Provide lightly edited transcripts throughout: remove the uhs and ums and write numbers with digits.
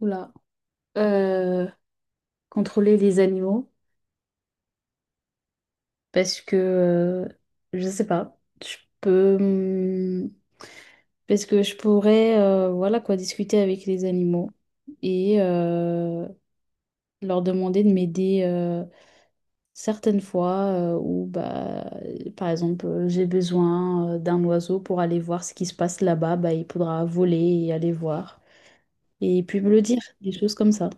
Oula. Euh, Contrôler les animaux parce que je sais pas. Je peux parce que je pourrais voilà quoi discuter avec les animaux et leur demander de m'aider certaines fois où bah par exemple j'ai besoin d'un oiseau pour aller voir ce qui se passe là-bas, bah il faudra voler et aller voir et puis me le dire, des choses comme ça.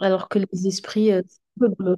Alors que les esprits c'est un peu bleu.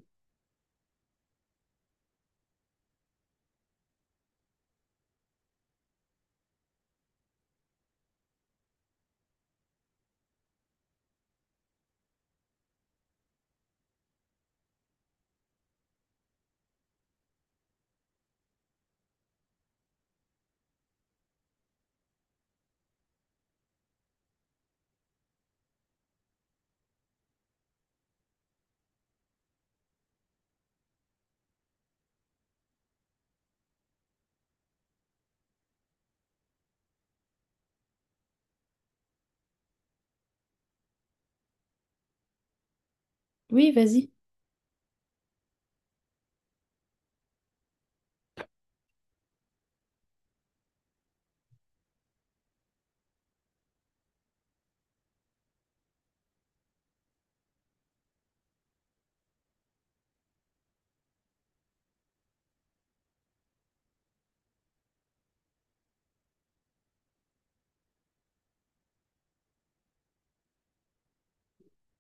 Oui, vas-y.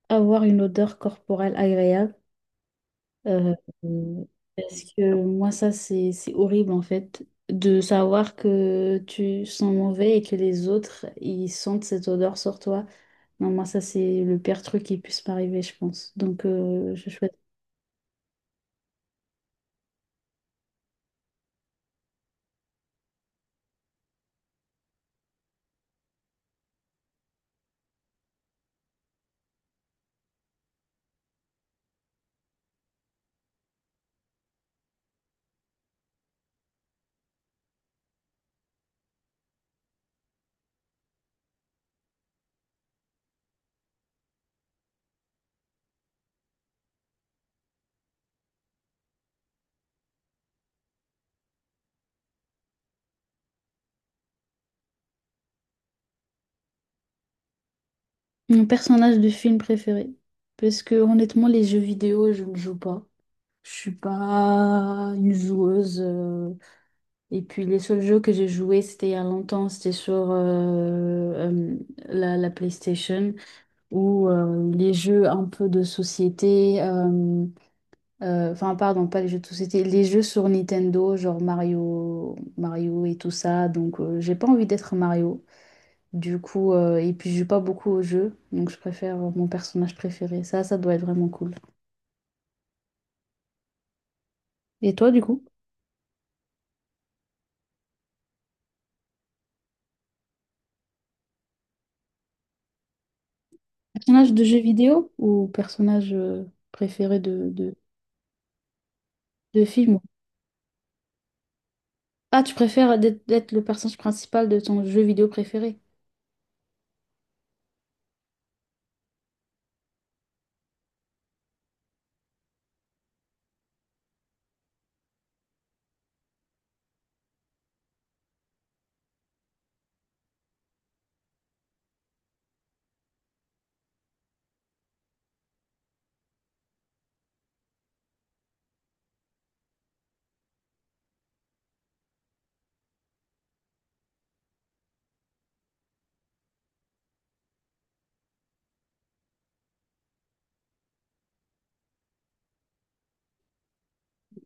Avoir une odeur corporelle agréable. euh, euh, Parce que moi, ça, c'est horrible en fait, de savoir que tu sens mauvais et que les autres, ils sentent cette odeur sur toi. Non, moi, ça, c'est le pire truc qui puisse m'arriver, je pense. Donc, je souhaite. Mon personnage de film préféré. Parce que honnêtement, les jeux vidéo, je ne joue pas. Je suis pas une joueuse. Et puis les seuls jeux que j'ai joués, c'était il y a longtemps, c'était sur la PlayStation ou les jeux un peu de société, enfin pardon, pas les jeux de société, les jeux sur Nintendo, genre Mario, Mario et tout ça. Donc j'ai pas envie d'être Mario. Du coup, et puis je joue pas beaucoup aux jeux, donc je préfère mon personnage préféré. Ça doit être vraiment cool. Et toi, du coup? Personnage de jeu vidéo ou personnage préféré de film? Ah, tu préfères d'être le personnage principal de ton jeu vidéo préféré?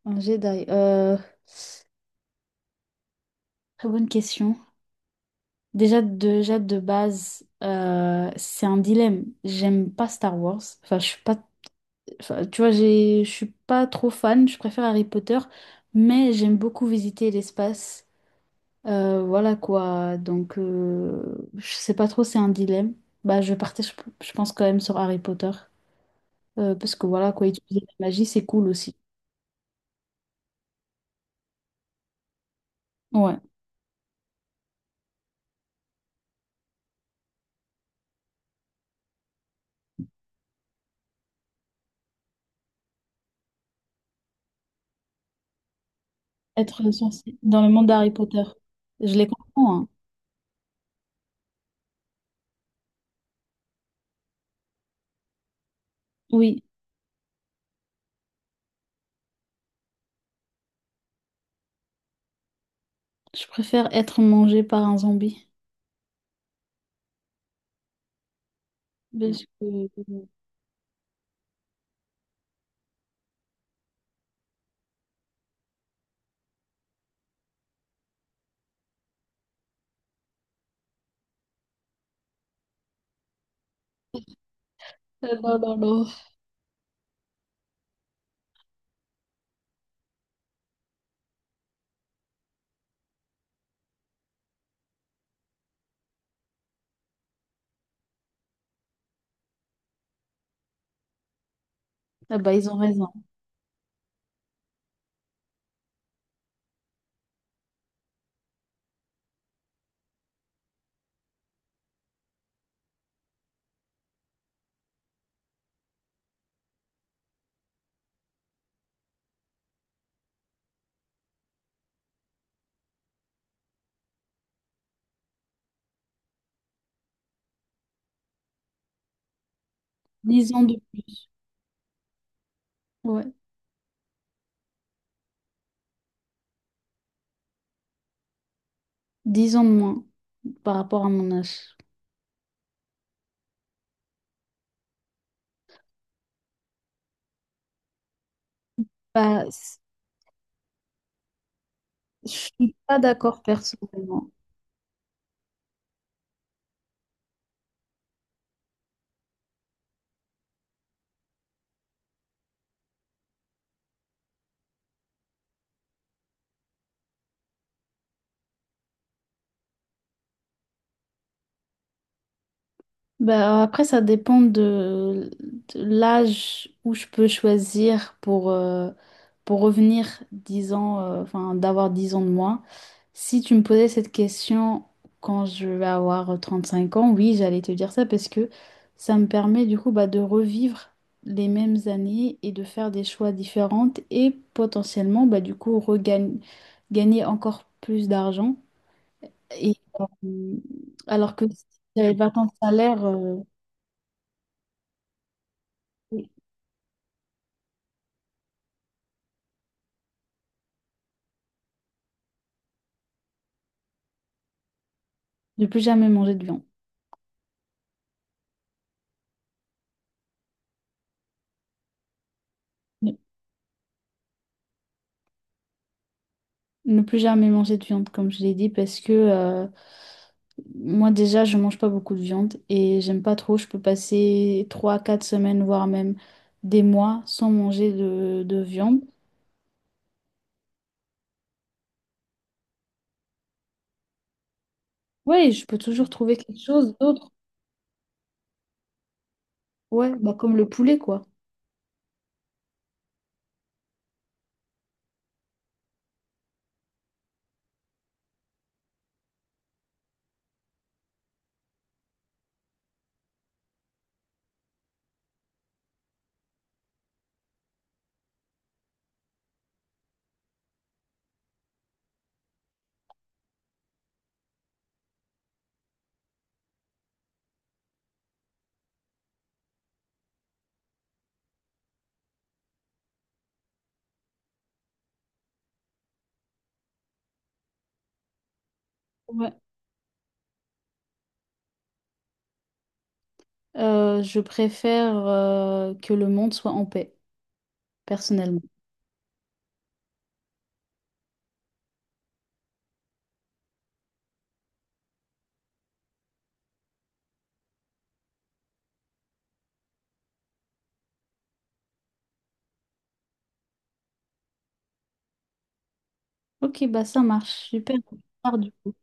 Un Jedi. Très bonne question. Déjà de base, c'est un dilemme. J'aime pas Star Wars. Enfin, je suis pas. Enfin, tu vois, je suis pas trop fan. Je préfère Harry Potter, mais j'aime beaucoup visiter l'espace. Voilà quoi. Donc, je sais pas trop. C'est un dilemme. Bah, je partais. Je pense quand même sur Harry Potter. Parce que voilà quoi. Utiliser la magie, c'est cool aussi. Ouais. Être sorcier dans le monde d'Harry Potter. Je les comprends, hein. Oui, je préfère être mangé par un zombie. Parce que... Ah non, non, non. Ah bah, ils ont raison. 10 ans de plus. Ouais. 10 ans de moins par rapport à mon âge. Bah, c- je suis pas d'accord personnellement. Ben, après, ça dépend de l'âge où je peux choisir pour revenir 10 ans, enfin, d'avoir 10 ans de moins. Si tu me posais cette question quand je vais avoir 35 ans, oui, j'allais te dire ça parce que ça me permet du coup bah, de revivre les mêmes années et de faire des choix différentes et potentiellement bah, du coup regagner gagner encore plus d'argent. Et euh, alors que si j'avais pas tant de salaire. Oui. Ne plus jamais manger de viande. Ne ne plus jamais manger de viande, comme je l'ai dit, parce que moi déjà, je mange pas beaucoup de viande et j'aime pas trop. Je peux passer 3, 4 semaines, voire même des mois sans manger de viande. Ouais, je peux toujours trouver quelque chose d'autre. Ouais, bah comme le poulet, quoi. Ouais. Je préfère que le monde soit en paix, personnellement. Ok, bah ça marche. Super. Tard, du coup.